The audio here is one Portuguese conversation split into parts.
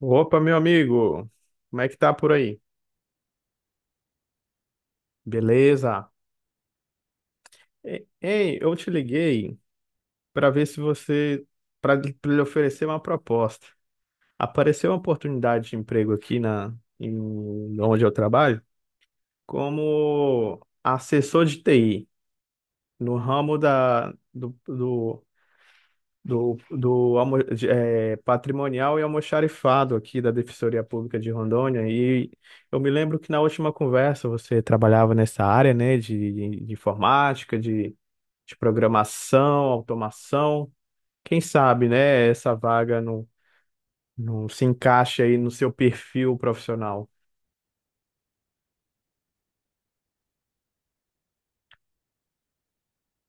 Opa, meu amigo, como é que tá por aí? Beleza? Ei, eu te liguei para ver se você, para lhe oferecer uma proposta. Apareceu uma oportunidade de emprego aqui na, em, onde eu trabalho, como assessor de TI, no ramo da, do, do do, do patrimonial e almoxarifado aqui da Defensoria Pública de Rondônia. E eu me lembro que na última conversa você trabalhava nessa área, né, de informática, de programação, automação. Quem sabe, né, essa vaga não, não se encaixa aí no seu perfil profissional.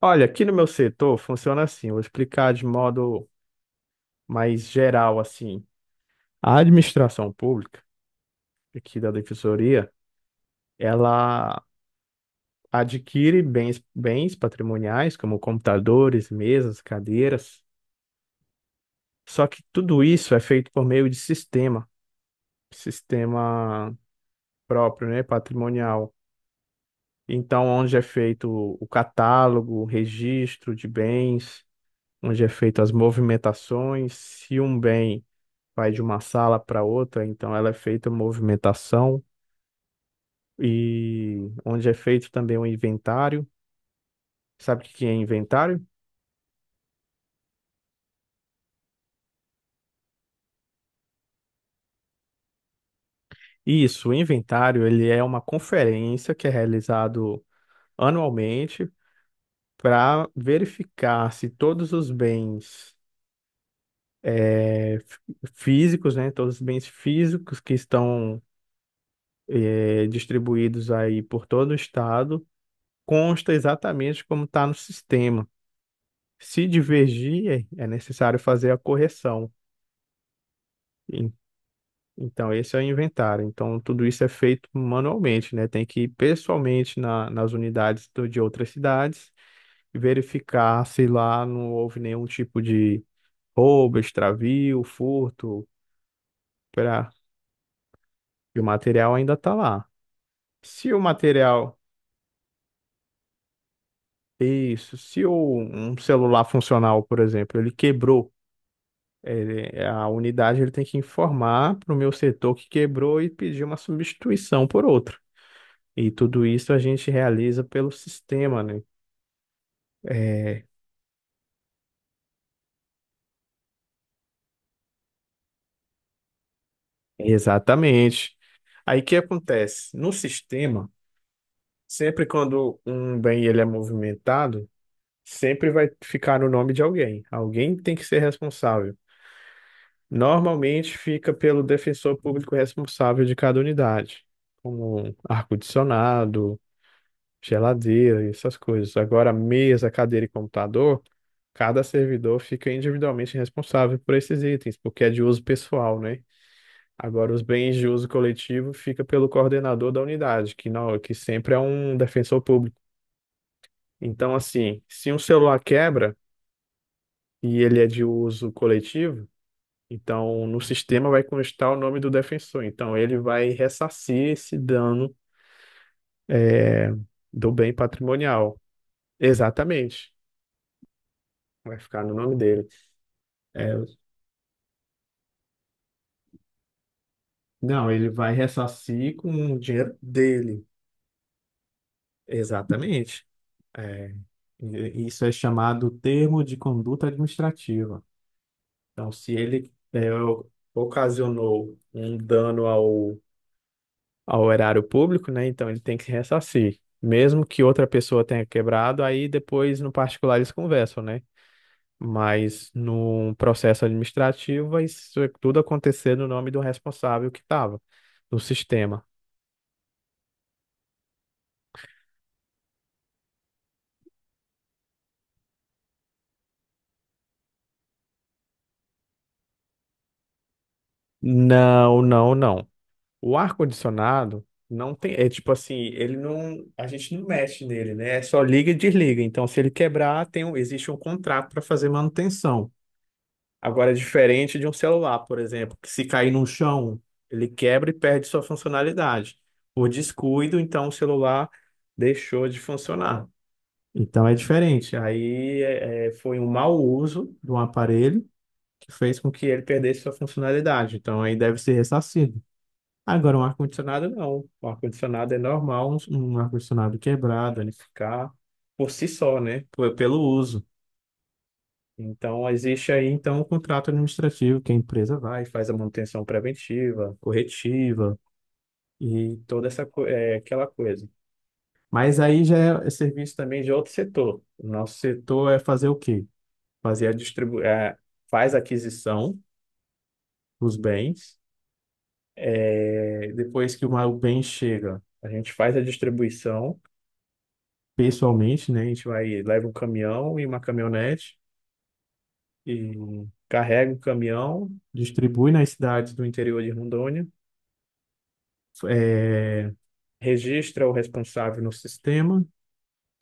Olha, aqui no meu setor funciona assim, eu vou explicar de modo mais geral assim. A administração pública aqui da Defensoria, ela adquire bens, bens patrimoniais, como computadores, mesas, cadeiras. Só que tudo isso é feito por meio de sistema, sistema próprio, né, patrimonial. Então, onde é feito o catálogo, o registro de bens, onde é feito as movimentações, se um bem vai de uma sala para outra, então ela é feita a movimentação e onde é feito também o inventário. Sabe o que que é inventário? Isso, o inventário, ele é uma conferência que é realizado anualmente para verificar se todos os bens físicos, né, todos os bens físicos que estão distribuídos aí por todo o estado, consta exatamente como está no sistema. Se divergir, é necessário fazer a correção. Então, esse é o inventário. Então, tudo isso é feito manualmente, né? Tem que ir pessoalmente nas unidades de outras cidades e verificar se lá não houve nenhum tipo de roubo, extravio, furto, pra... e o material ainda está lá. Se o material, isso, se o, um celular funcional, por exemplo, ele quebrou, a unidade ele tem que informar para o meu setor que quebrou e pedir uma substituição por outro. E tudo isso a gente realiza pelo sistema, né? É, exatamente. Aí o que acontece? No sistema, sempre quando um bem ele é movimentado, sempre vai ficar no nome de alguém. Alguém tem que ser responsável. Normalmente fica pelo defensor público responsável de cada unidade, como ar-condicionado, geladeira, e essas coisas. Agora, mesa, cadeira e computador, cada servidor fica individualmente responsável por esses itens, porque é de uso pessoal, né? Agora, os bens de uso coletivo fica pelo coordenador da unidade, que não, que sempre é um defensor público. Então, assim, se um celular quebra e ele é de uso coletivo, então no sistema vai constar o nome do defensor. Então, ele vai ressarcir esse dano do bem patrimonial. Exatamente. Vai ficar no nome dele. É, não, ele vai ressarcir com o dinheiro dele. Exatamente. É, isso é chamado termo de conduta administrativa. Então, se ele é, o- ocasionou um dano ao, ao erário público, né? Então ele tem que ressarcir. Mesmo que outra pessoa tenha quebrado, aí depois no particular eles conversam, né? Mas num processo administrativo, vai isso é tudo acontecer no nome do responsável que estava no sistema. Não, não, não. O ar-condicionado não tem. É tipo assim, ele não. A gente não mexe nele, né? É só liga e desliga. Então, se ele quebrar, tem, existe um contrato para fazer manutenção. Agora, é diferente de um celular, por exemplo, que se cair no chão, ele quebra e perde sua funcionalidade. Por descuido, então o celular deixou de funcionar. Então é diferente. Aí foi um mau uso de um aparelho que fez com que ele perdesse sua funcionalidade. Então aí deve ser ressarcido. Agora, um ar-condicionado não. O ar-condicionado é normal, um ar-condicionado quebrado, ele ficar por si só, né? Pelo uso. Então, existe aí, então, o contrato administrativo que a empresa vai, faz a manutenção preventiva, corretiva e toda essa, aquela coisa. Mas aí já é serviço também de outro setor. O nosso setor é fazer o quê? Fazer a distribu é, faz a aquisição dos bens. É, depois que o bem chega, a gente faz a distribuição pessoalmente, né? A gente vai, leva um caminhão e uma caminhonete e carrega o caminhão, distribui nas cidades do interior de Rondônia, é, registra o responsável no sistema,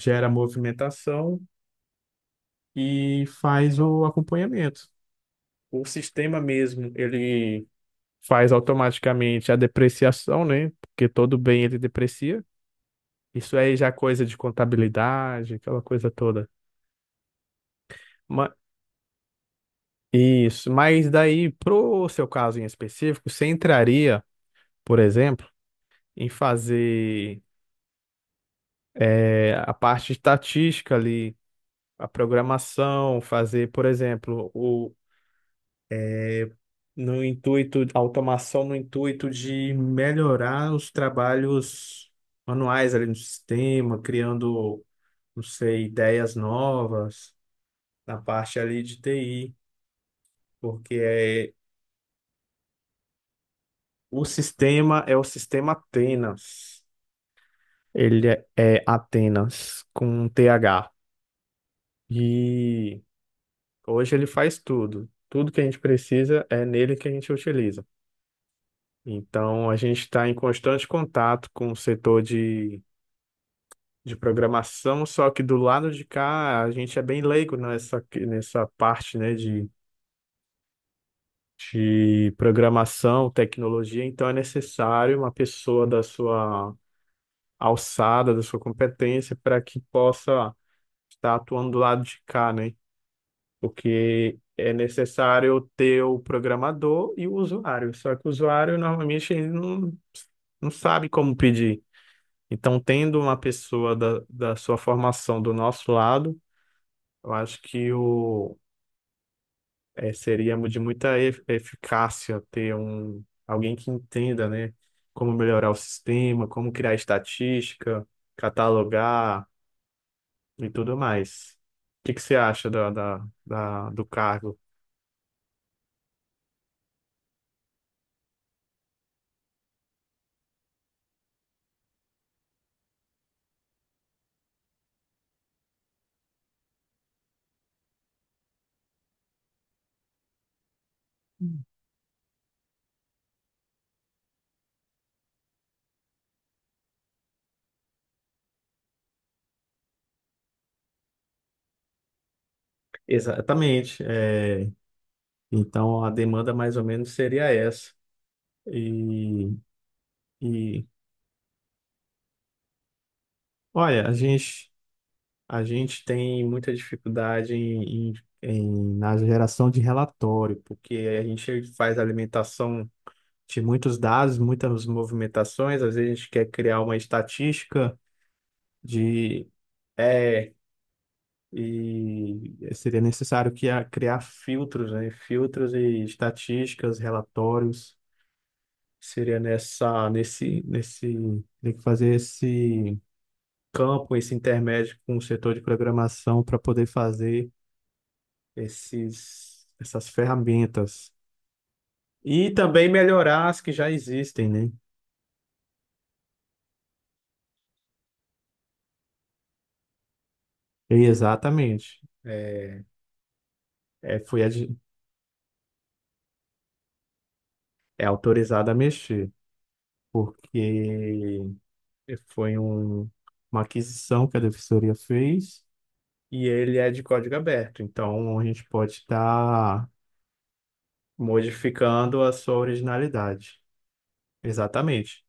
gera movimentação e faz o acompanhamento. O sistema mesmo, ele faz automaticamente a depreciação, né? Porque todo bem ele deprecia. Isso aí já é coisa de contabilidade, aquela coisa toda. Ma- Isso, mas daí, pro seu caso em específico, você entraria, por exemplo, em fazer a parte estatística ali, a programação, fazer, por exemplo, o, no intuito, a automação no intuito de melhorar os trabalhos manuais ali no sistema, criando, não sei, ideias novas na parte ali de TI, porque é, o sistema é o sistema Atenas. Ele é, é Atenas com TH. E hoje ele faz tudo. Tudo que a gente precisa é nele que a gente utiliza. Então a gente está em constante contato com o setor de programação, só que do lado de cá a gente é bem leigo nessa, nessa parte, né, de programação, tecnologia, então é necessário uma pessoa da sua alçada, da sua competência, para que possa estar atuando do lado de cá, né? Porque é necessário ter o programador e o usuário. Só que o usuário normalmente ele não, não sabe como pedir. Então, tendo uma pessoa da sua formação do nosso lado, eu acho que seria de muita eficácia ter um, alguém que entenda, né, como melhorar o sistema, como criar estatística, catalogar e tudo mais. O que que você acha do cargo? Exatamente. É, então, a demanda mais ou menos seria essa. E, e olha, a gente tem muita dificuldade na geração de relatório, porque a gente faz alimentação de muitos dados, muitas movimentações, às vezes a gente quer criar uma estatística de é, e seria necessário criar filtros, né? Filtros e estatísticas, relatórios. Seria nessa, nesse, nesse, tem que fazer esse campo, esse intermédio com o setor de programação para poder fazer essas ferramentas. E também melhorar as que já existem, né? Exatamente. É, foi, adi- É autorizado a mexer, porque foi um, uma aquisição que a defensoria fez e ele é de código aberto. Então, a gente pode estar modificando a sua originalidade. Exatamente.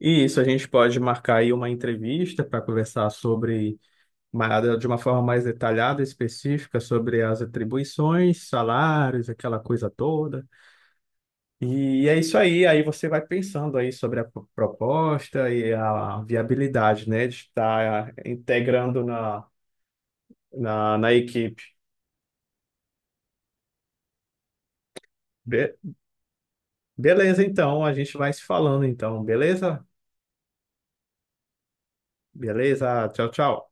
E isso a gente pode marcar aí uma entrevista para conversar sobre de uma forma mais detalhada, específica, sobre as atribuições, salários, aquela coisa toda. E é isso aí, aí você vai pensando aí sobre a proposta e a viabilidade, né, de estar integrando na equipe. Be- Beleza, então, a gente vai se falando, então, beleza? Beleza, tchau, tchau.